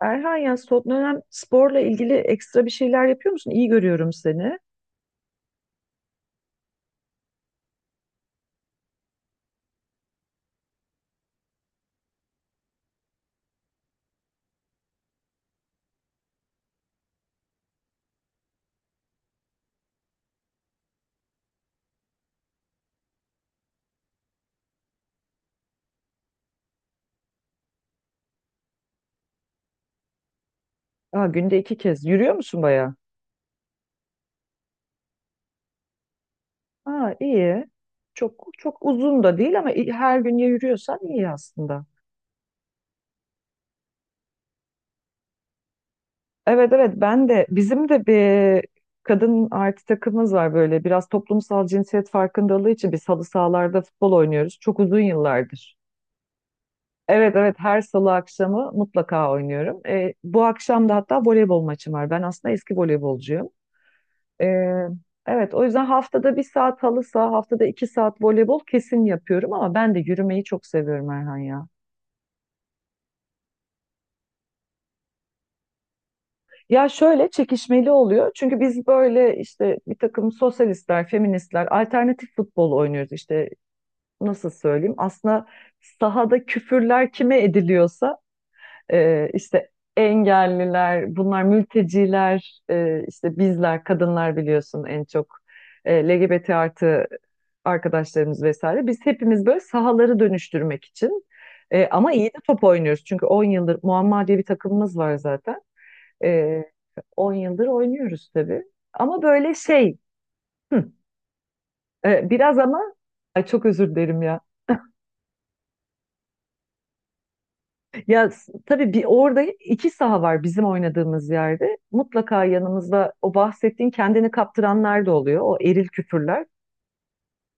Erhan ya son dönem sporla ilgili ekstra bir şeyler yapıyor musun? İyi görüyorum seni. Aa, günde iki kez. Yürüyor musun bayağı? Aa, iyi. Çok çok uzun da değil ama her gün ya yürüyorsan iyi aslında. Evet, evet, ben de bizim de bir kadın artı takımımız var, böyle biraz toplumsal cinsiyet farkındalığı için biz halı sahalarda futbol oynuyoruz. Çok uzun yıllardır. Evet, evet, her salı akşamı mutlaka oynuyorum. Bu akşam da hatta voleybol maçım var. Ben aslında eski voleybolcuyum. Ee, evet, o yüzden haftada 1 saat halı saha, haftada 2 saat voleybol kesin yapıyorum, ama ben de yürümeyi çok seviyorum Erhan ya. Ya şöyle, çekişmeli oluyor çünkü biz böyle işte bir takım sosyalistler, feministler, alternatif futbol oynuyoruz, işte nasıl söyleyeyim. Aslında sahada küfürler kime ediliyorsa, işte engelliler, bunlar, mülteciler, işte bizler, kadınlar biliyorsun en çok, LGBT artı arkadaşlarımız vesaire. Biz hepimiz böyle sahaları dönüştürmek için, ama iyi de top oynuyoruz. Çünkü 10 yıldır Muamma diye bir takımımız var zaten. E, 10 yıldır oynuyoruz tabii. Ama böyle şey, hı, biraz ama ay, çok özür dilerim ya. Ya, tabii bir, orada iki saha var bizim oynadığımız yerde. Mutlaka yanımızda o bahsettiğin kendini kaptıranlar da oluyor. O eril küfürler.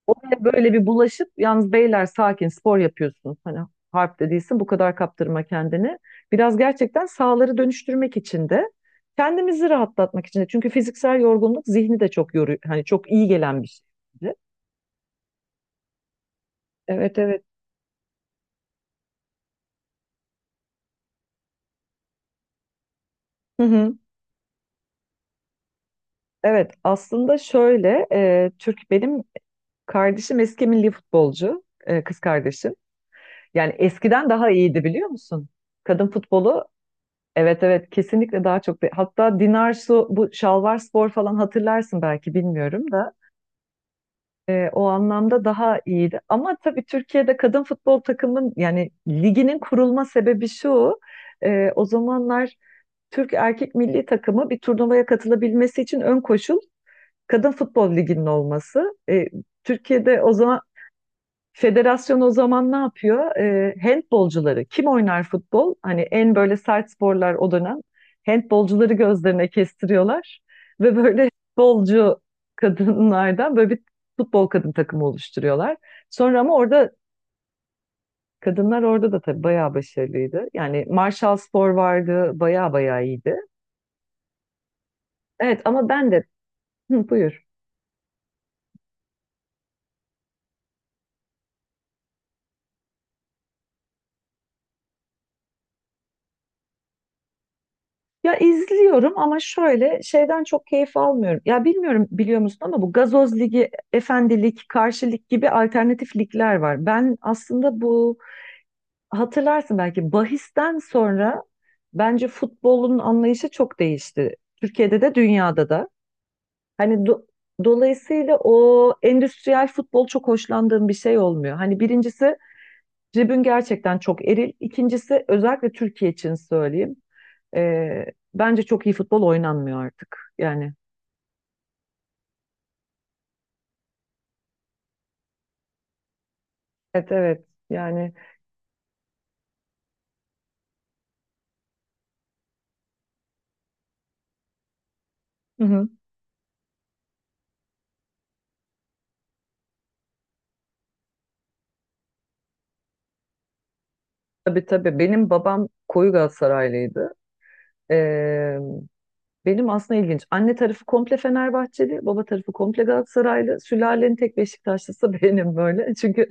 Ve böyle bir bulaşıp, yalnız beyler, sakin spor yapıyorsun. Hani harp de değilsin, bu kadar kaptırma kendini. Biraz gerçekten sahaları dönüştürmek için de, kendimizi rahatlatmak için de. Çünkü fiziksel yorgunluk zihni de çok yoruyor. Hani çok iyi gelen bir şey. Evet, evet. Hı hı. Evet, aslında şöyle, Türk, benim kardeşim eski milli futbolcu, kız kardeşim. Yani eskiden daha iyiydi, biliyor musun? Kadın futbolu, evet, evet, kesinlikle daha çok. Hatta Dinarsu, bu Spor falan hatırlarsın belki, bilmiyorum da o anlamda daha iyiydi. Ama tabii Türkiye'de kadın futbol takımın, yani liginin kurulma sebebi şu. O zamanlar Türk erkek milli takımı bir turnuvaya katılabilmesi için ön koşul kadın futbol liginin olması. Türkiye'de o zaman federasyon o zaman ne yapıyor? Handbolcuları, kim oynar futbol? Hani en böyle sert sporlar o dönem. Handbolcuları gözlerine kestiriyorlar ve böyle futbolcu kadınlardan böyle bir futbol kadın takımı oluşturuyorlar. Sonra ama orada kadınlar orada da tabii bayağı başarılıydı. Yani Marshall Spor vardı, bayağı bayağı iyiydi. Evet, ama ben de, hı, buyur. Ya izliyorum ama şöyle şeyden çok keyif almıyorum. Ya, bilmiyorum, biliyor musun ama bu gazoz ligi, efendilik, karşı lig gibi alternatif ligler var. Ben aslında bu, hatırlarsın belki, bahisten sonra bence futbolun anlayışı çok değişti. Türkiye'de de dünyada da. Hani dolayısıyla o endüstriyel futbol çok hoşlandığım bir şey olmuyor. Hani birincisi, tribün gerçekten çok eril. İkincisi, özellikle Türkiye için söyleyeyim. Ee, Bence çok iyi futbol oynanmıyor artık. Yani evet, evet, yani hı hı. Tabii, tabii, benim babam koyu Galatasaraylıydı. Ee, Benim aslında ilginç, anne tarafı komple Fenerbahçeli, baba tarafı komple Galatasaraylı, sülalenin tek Beşiktaşlısı benim böyle, çünkü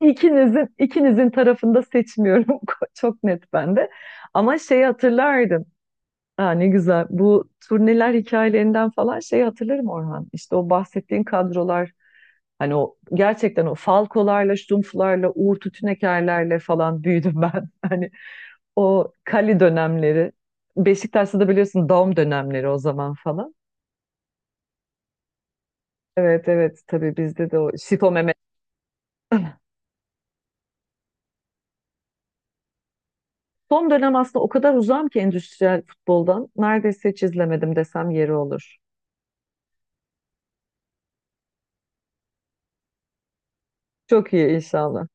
ikinizin tarafında seçmiyorum çok net bende. Ama şeyi hatırlardım, ha, ne güzel, bu turneler hikayelerinden falan, şeyi hatırlarım Orhan. İşte o bahsettiğin kadrolar, hani o gerçekten o Falkolarla, Ştumfularla, Uğur Tütünekerlerle falan büyüdüm ben. Hani o Kali dönemleri, Beşiktaş'ta da biliyorsun Daum dönemleri o zaman falan. Evet, evet, tabii bizde de o Şito Mehmet. Son dönem aslında o kadar uzağım ki endüstriyel futboldan. Neredeyse hiç izlemedim desem yeri olur. Çok iyi inşallah.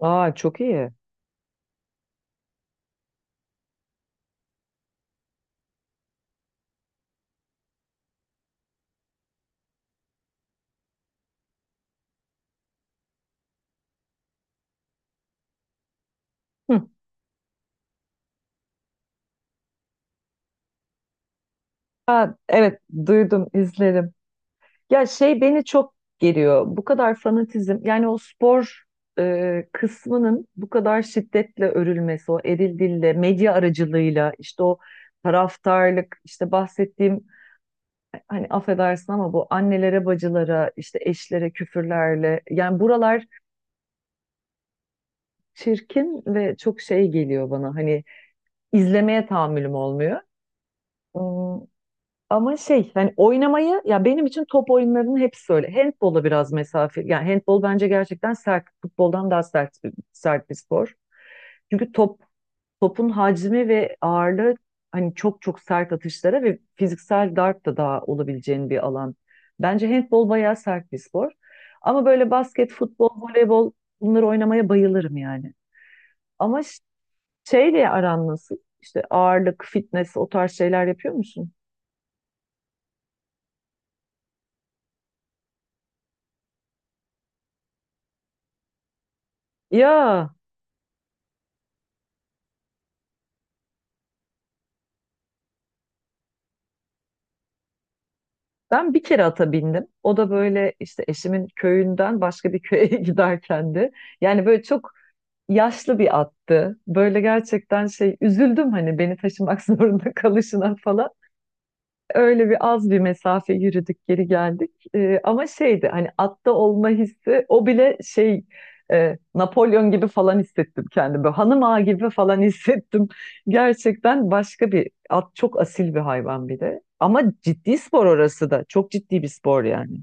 Aa, çok iyi. Hı. Aa, evet, duydum, izlerim. Ya, şey beni çok geriyor. Bu kadar fanatizm, yani o spor kısmının bu kadar şiddetle örülmesi, o eril dille, medya aracılığıyla, işte o taraftarlık, işte bahsettiğim, hani affedersin ama bu annelere, bacılara, işte eşlere küfürlerle, yani buralar çirkin ve çok şey geliyor bana. Hani izlemeye tahammülüm olmuyor. Ama şey, hani oynamayı, ya benim için top oyunlarının hepsi öyle. Handbola biraz mesafe. Yani handbol bence gerçekten sert. Futboldan daha sert, bir spor. Çünkü topun hacmi ve ağırlığı hani çok çok sert atışlara ve fiziksel darp da daha olabileceğin bir alan. Bence handbol bayağı sert bir spor. Ama böyle basket, futbol, voleybol, bunları oynamaya bayılırım yani. Ama şeyle aran nasıl? İşte ağırlık, fitness, o tarz şeyler yapıyor musun? Ya, ben bir kere ata bindim. O da böyle işte eşimin köyünden başka bir köye giderken de. Yani böyle çok yaşlı bir attı. Böyle gerçekten şey, üzüldüm hani beni taşımak zorunda kalışına falan. Öyle bir az bir mesafe yürüdük, geri geldik. Ama şeydi, hani atta olma hissi o bile şey, Napolyon gibi falan hissettim kendimi. Hanım ağa gibi falan hissettim. Gerçekten başka, bir at çok asil bir hayvan bir de. Ama ciddi spor, orası da çok ciddi bir spor yani.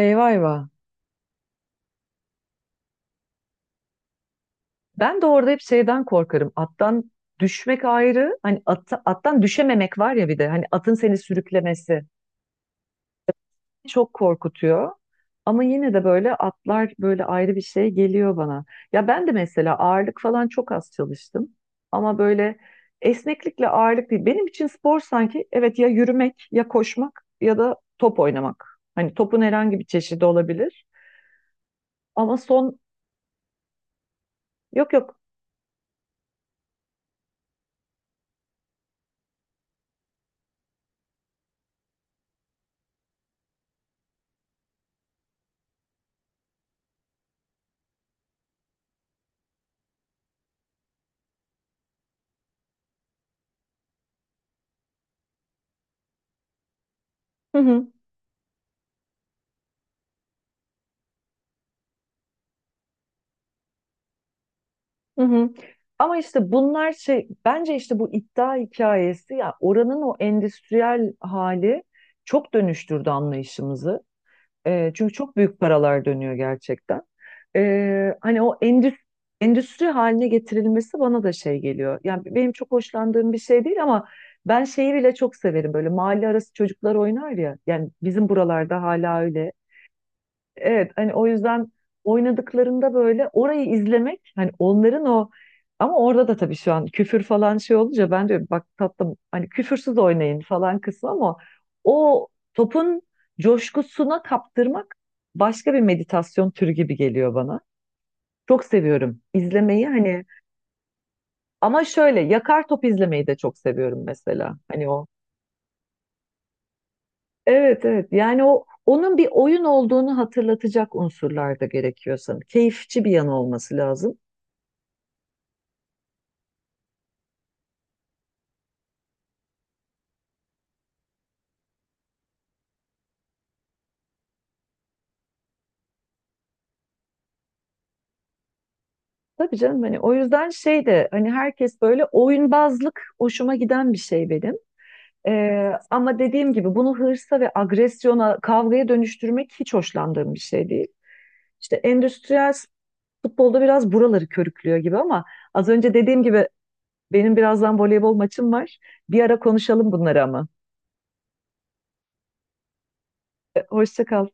Eyvah, eyvah. Ben de orada hep şeyden korkarım. Attan düşmek ayrı. Hani at, attan düşememek var ya bir de. Hani atın seni sürüklemesi çok korkutuyor. Ama yine de böyle atlar böyle ayrı bir şey geliyor bana. Ya, ben de mesela ağırlık falan çok az çalıştım. Ama böyle, esneklikle ağırlık değil. Benim için spor sanki, evet, ya yürümek ya koşmak ya da top oynamak. Hani topun herhangi bir çeşidi olabilir. Ama son, yok, yok. Hı hı, hı hı. Ama işte bunlar şey, bence işte bu iddia hikayesi, ya oranın o endüstriyel hali çok dönüştürdü anlayışımızı. Çünkü çok büyük paralar dönüyor gerçekten. Hani o endüstri haline getirilmesi bana da şey geliyor. Yani benim çok hoşlandığım bir şey değil ama ben şeyi bile çok severim. Böyle mahalle arası çocuklar oynar ya. Yani bizim buralarda hala öyle. Evet, hani o yüzden oynadıklarında böyle orayı izlemek, hani onların o, ama orada da tabii şu an küfür falan şey olunca ben diyorum, bak tatlım, hani küfürsüz oynayın falan kısmı, ama o topun coşkusuna kaptırmak başka bir meditasyon türü gibi geliyor bana. Çok seviyorum izlemeyi, hani ama şöyle yakar top izlemeyi de çok seviyorum mesela. Hani o, evet, evet, yani, o onun bir oyun olduğunu hatırlatacak unsurlar da gerekiyor sanırım. Keyifçi bir yanı olması lazım. Tabii canım, hani o yüzden şey de, hani herkes böyle oyunbazlık hoşuma giden bir şey benim. Ama dediğim gibi bunu hırsa ve agresyona, kavgaya dönüştürmek hiç hoşlandığım bir şey değil. İşte endüstriyel futbolda biraz buraları körüklüyor gibi, ama az önce dediğim gibi, benim birazdan voleybol maçım var. Bir ara konuşalım bunları ama. Hoşça kal.